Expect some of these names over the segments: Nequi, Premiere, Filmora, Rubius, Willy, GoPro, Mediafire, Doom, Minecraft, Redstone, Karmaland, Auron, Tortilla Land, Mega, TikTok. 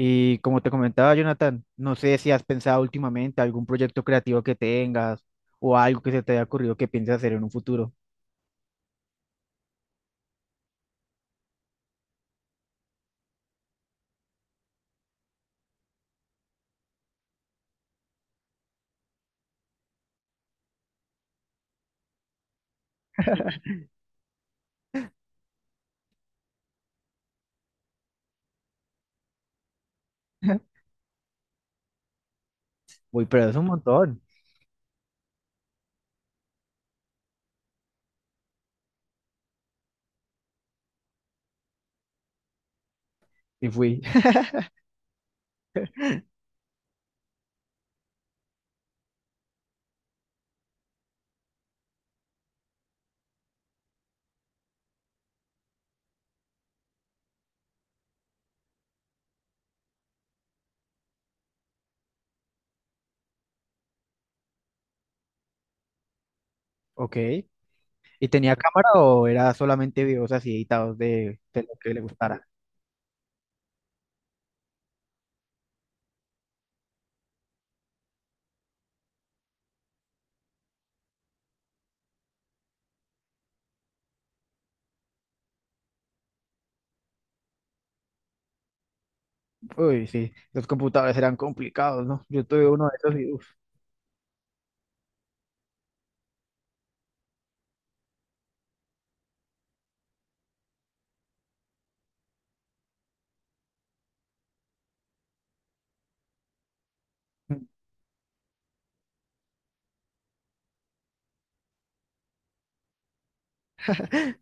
Y como te comentaba, Jonathan, no sé si has pensado últimamente algún proyecto creativo que tengas o algo que se te haya ocurrido que pienses hacer en un futuro. Uy, pero es un montón. Y fui. Ok. ¿Y tenía cámara o era solamente videos así editados de lo que le gustara? Uy, sí, los computadores eran complicados, ¿no? Yo tuve uno de esos y uf, o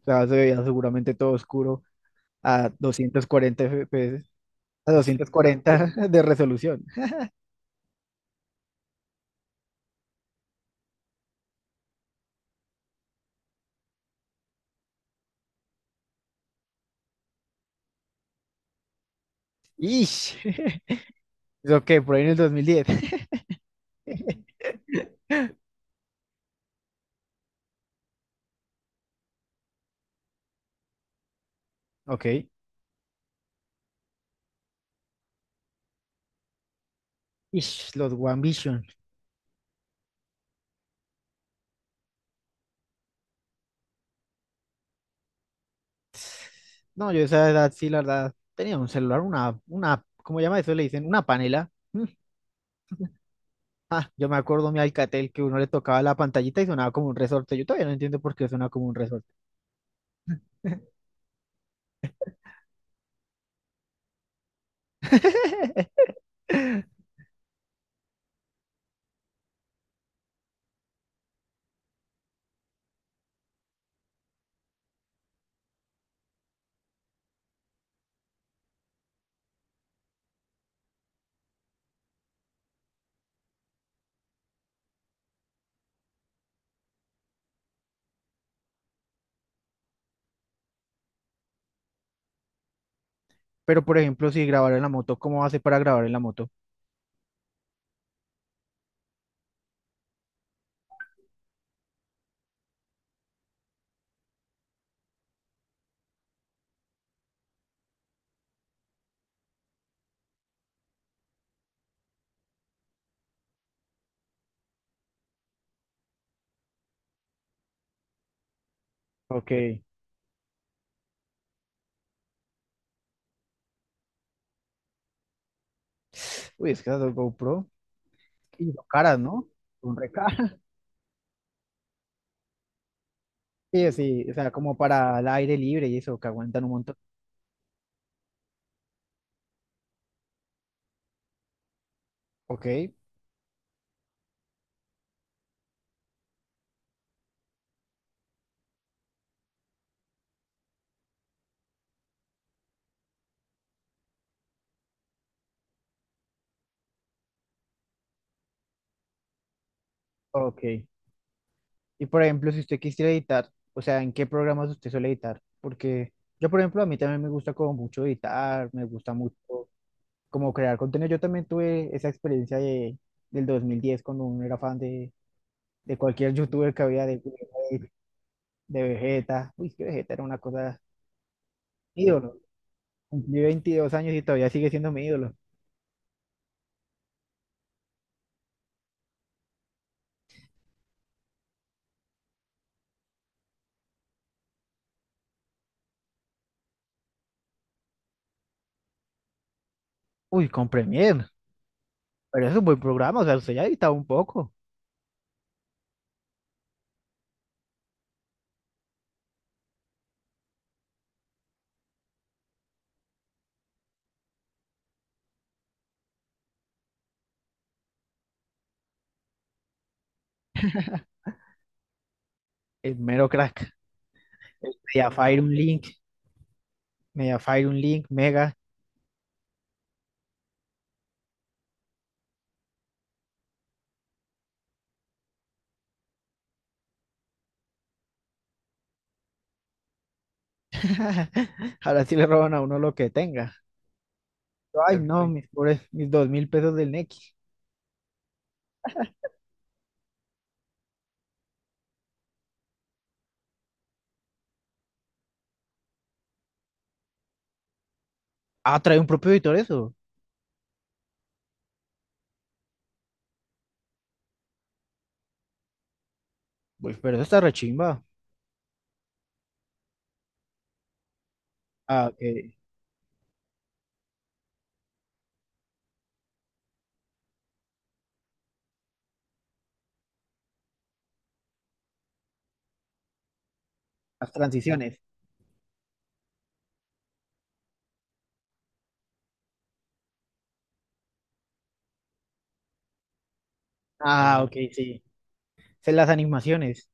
sea, se veía seguramente todo oscuro a 240 FPS, a 240 de resolución. ¡Ish! ¿Eso qué? Por ahí en el 2010. Ok. Ish, los One Vision. No, yo a esa edad sí, la verdad, tenía un celular, una, ¿cómo llama eso? Le dicen, una panela. Mm. Ah, yo me acuerdo mi Alcatel que uno le tocaba la pantallita y sonaba como un resorte. Yo todavía no entiendo por qué suena como un resorte. Pero, por ejemplo, si grabar en la moto, ¿cómo hace para grabar en la moto? Ok. Uy, es que esas dos GoPro y son caras, ¿no? Son re caras. Sí, sí, o sea, como para el aire libre y eso, que aguantan un montón. Ok, ok. Y por ejemplo, si usted quisiera editar, o sea, ¿en qué programas usted suele editar? Porque yo, por ejemplo, a mí también me gusta como mucho editar, me gusta mucho como crear contenido. Yo también tuve esa experiencia del 2010 cuando uno era fan de cualquier youtuber que había de Vegeta. Uy, es que Vegeta era una cosa ídolo. Cumplí 22 años y todavía sigue siendo mi ídolo. Uy, con Premiere. Pero es un buen programa, o sea, usted ya ha editado un poco. Es mero crack. Mediafire un link, Mediafire un link, Mega. Ahora sí le roban a uno lo que tenga. Ay, no, exacto, mis pobres, mis 2000 pesos del Nequi. Ah, trae un propio editor eso. Pues, pero eso está rechimba. Ah, ok. Las transiciones. Ah, ajá, ok, sí. Sé las animaciones.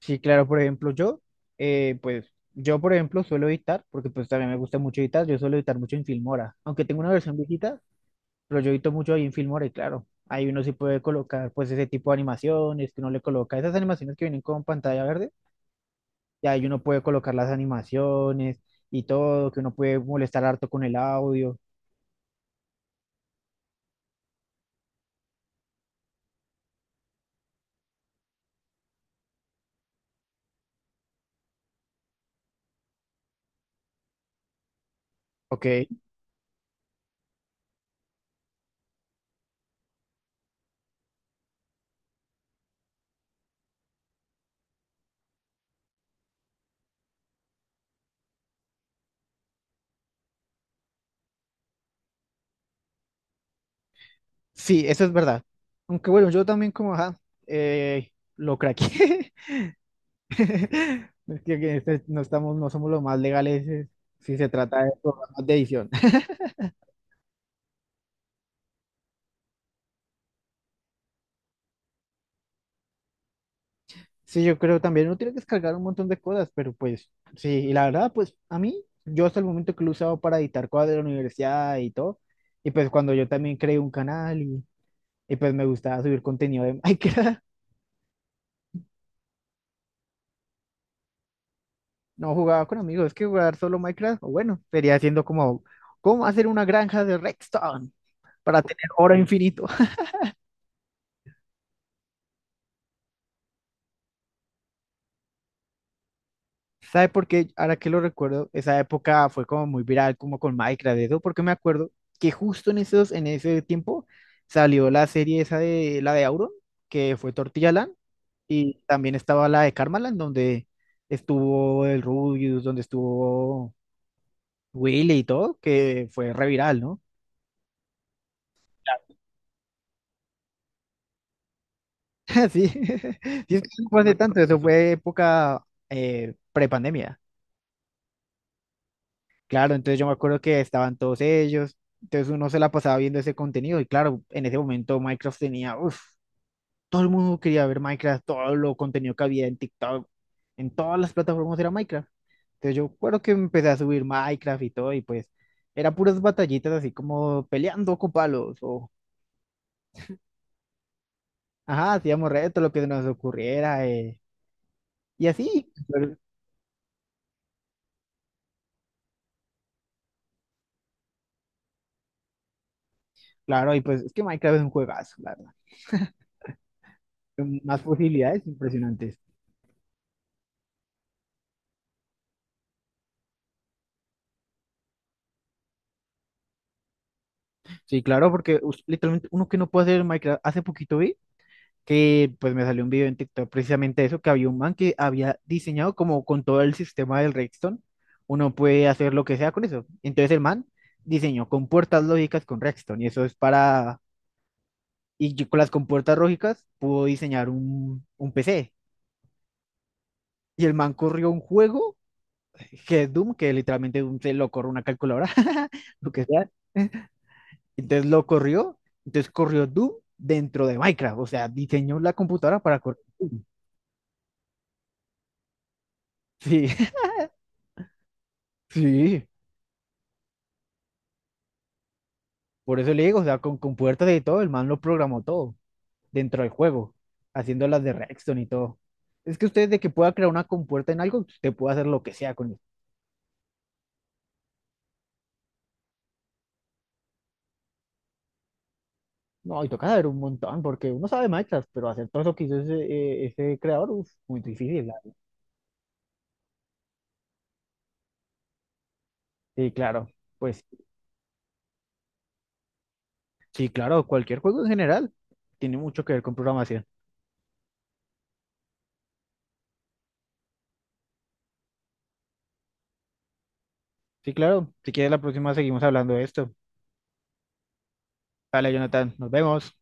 Sí, claro, por ejemplo, yo, por ejemplo, suelo editar, porque pues también me gusta mucho editar, yo suelo editar mucho en Filmora. Aunque tengo una versión viejita, pero yo edito mucho ahí en Filmora y claro, ahí uno sí puede colocar pues ese tipo de animaciones que uno le coloca, esas animaciones que vienen con pantalla verde y ahí uno puede colocar las animaciones y todo, que uno puede molestar harto con el audio. Ok, sí, eso es verdad. Aunque bueno, yo también como, ajá, lo craqué. Es que no estamos, no somos los más legales si se trata de programas de edición. Sí, yo creo también uno tiene que descargar un montón de cosas, pero pues sí, y la verdad, pues a mí, yo hasta el momento que lo he usado para editar cosas de la universidad y todo, y pues cuando yo también creé un canal y pues me gustaba subir contenido de Minecraft. No jugaba con amigos, es que jugar solo Minecraft, o bueno, sería haciendo como, ¿cómo hacer una granja de Redstone para tener oro infinito? ¿Sabe por qué? Ahora que lo recuerdo, esa época fue como muy viral, como con Minecraft, eso, porque me acuerdo que justo en ese tiempo salió la serie esa de, la de Auron, que fue Tortilla Land, y también estaba la de Karmaland, donde estuvo el Rubius, donde estuvo Willy y todo, que fue re viral, ¿no? Sí, sí, es que no fue hace tanto, eso fue época prepandemia. Claro, entonces yo me acuerdo que estaban todos ellos, entonces uno se la pasaba viendo ese contenido y claro, en ese momento Minecraft tenía, uff, todo el mundo quería ver Minecraft, todo lo contenido que había en TikTok, en todas las plataformas era Minecraft. Entonces yo recuerdo que empecé a subir Minecraft y todo y pues era puras batallitas así como peleando con palos o, ajá, hacíamos retos, lo que nos ocurriera y así. Claro, y pues es que Minecraft es un juegazo, la verdad. Con más posibilidades impresionantes. Sí, claro, porque literalmente uno que no puede hacer en Minecraft, hace poquito vi que pues me salió un video en TikTok precisamente eso, que había un man que había diseñado como con todo el sistema del Redstone, uno puede hacer lo que sea con eso. Entonces el man diseñó con puertas lógicas con Redstone y eso es para, y yo con las compuertas lógicas pudo diseñar un PC. Y el man corrió un juego que es Doom, que literalmente Doom se lo corre una calculadora, lo que sea. Entonces lo corrió, entonces corrió Doom dentro de Minecraft, o sea, diseñó la computadora para correr Doom. Sí, sí, por eso le digo, o sea, con puertas y todo, el man lo programó todo dentro del juego, haciendo las de Redstone y todo. Es que usted de que pueda crear una compuerta en algo, usted puede hacer lo que sea con eso. No, y toca saber un montón, porque uno sabe Minecraft, pero hacer todo eso que hizo ese creador, uf, muy difícil. Sí, claro, pues sí, claro, cualquier juego en general tiene mucho que ver con programación. Sí, claro. Si quieres, la próxima seguimos hablando de esto. Dale, Jonathan. Nos vemos.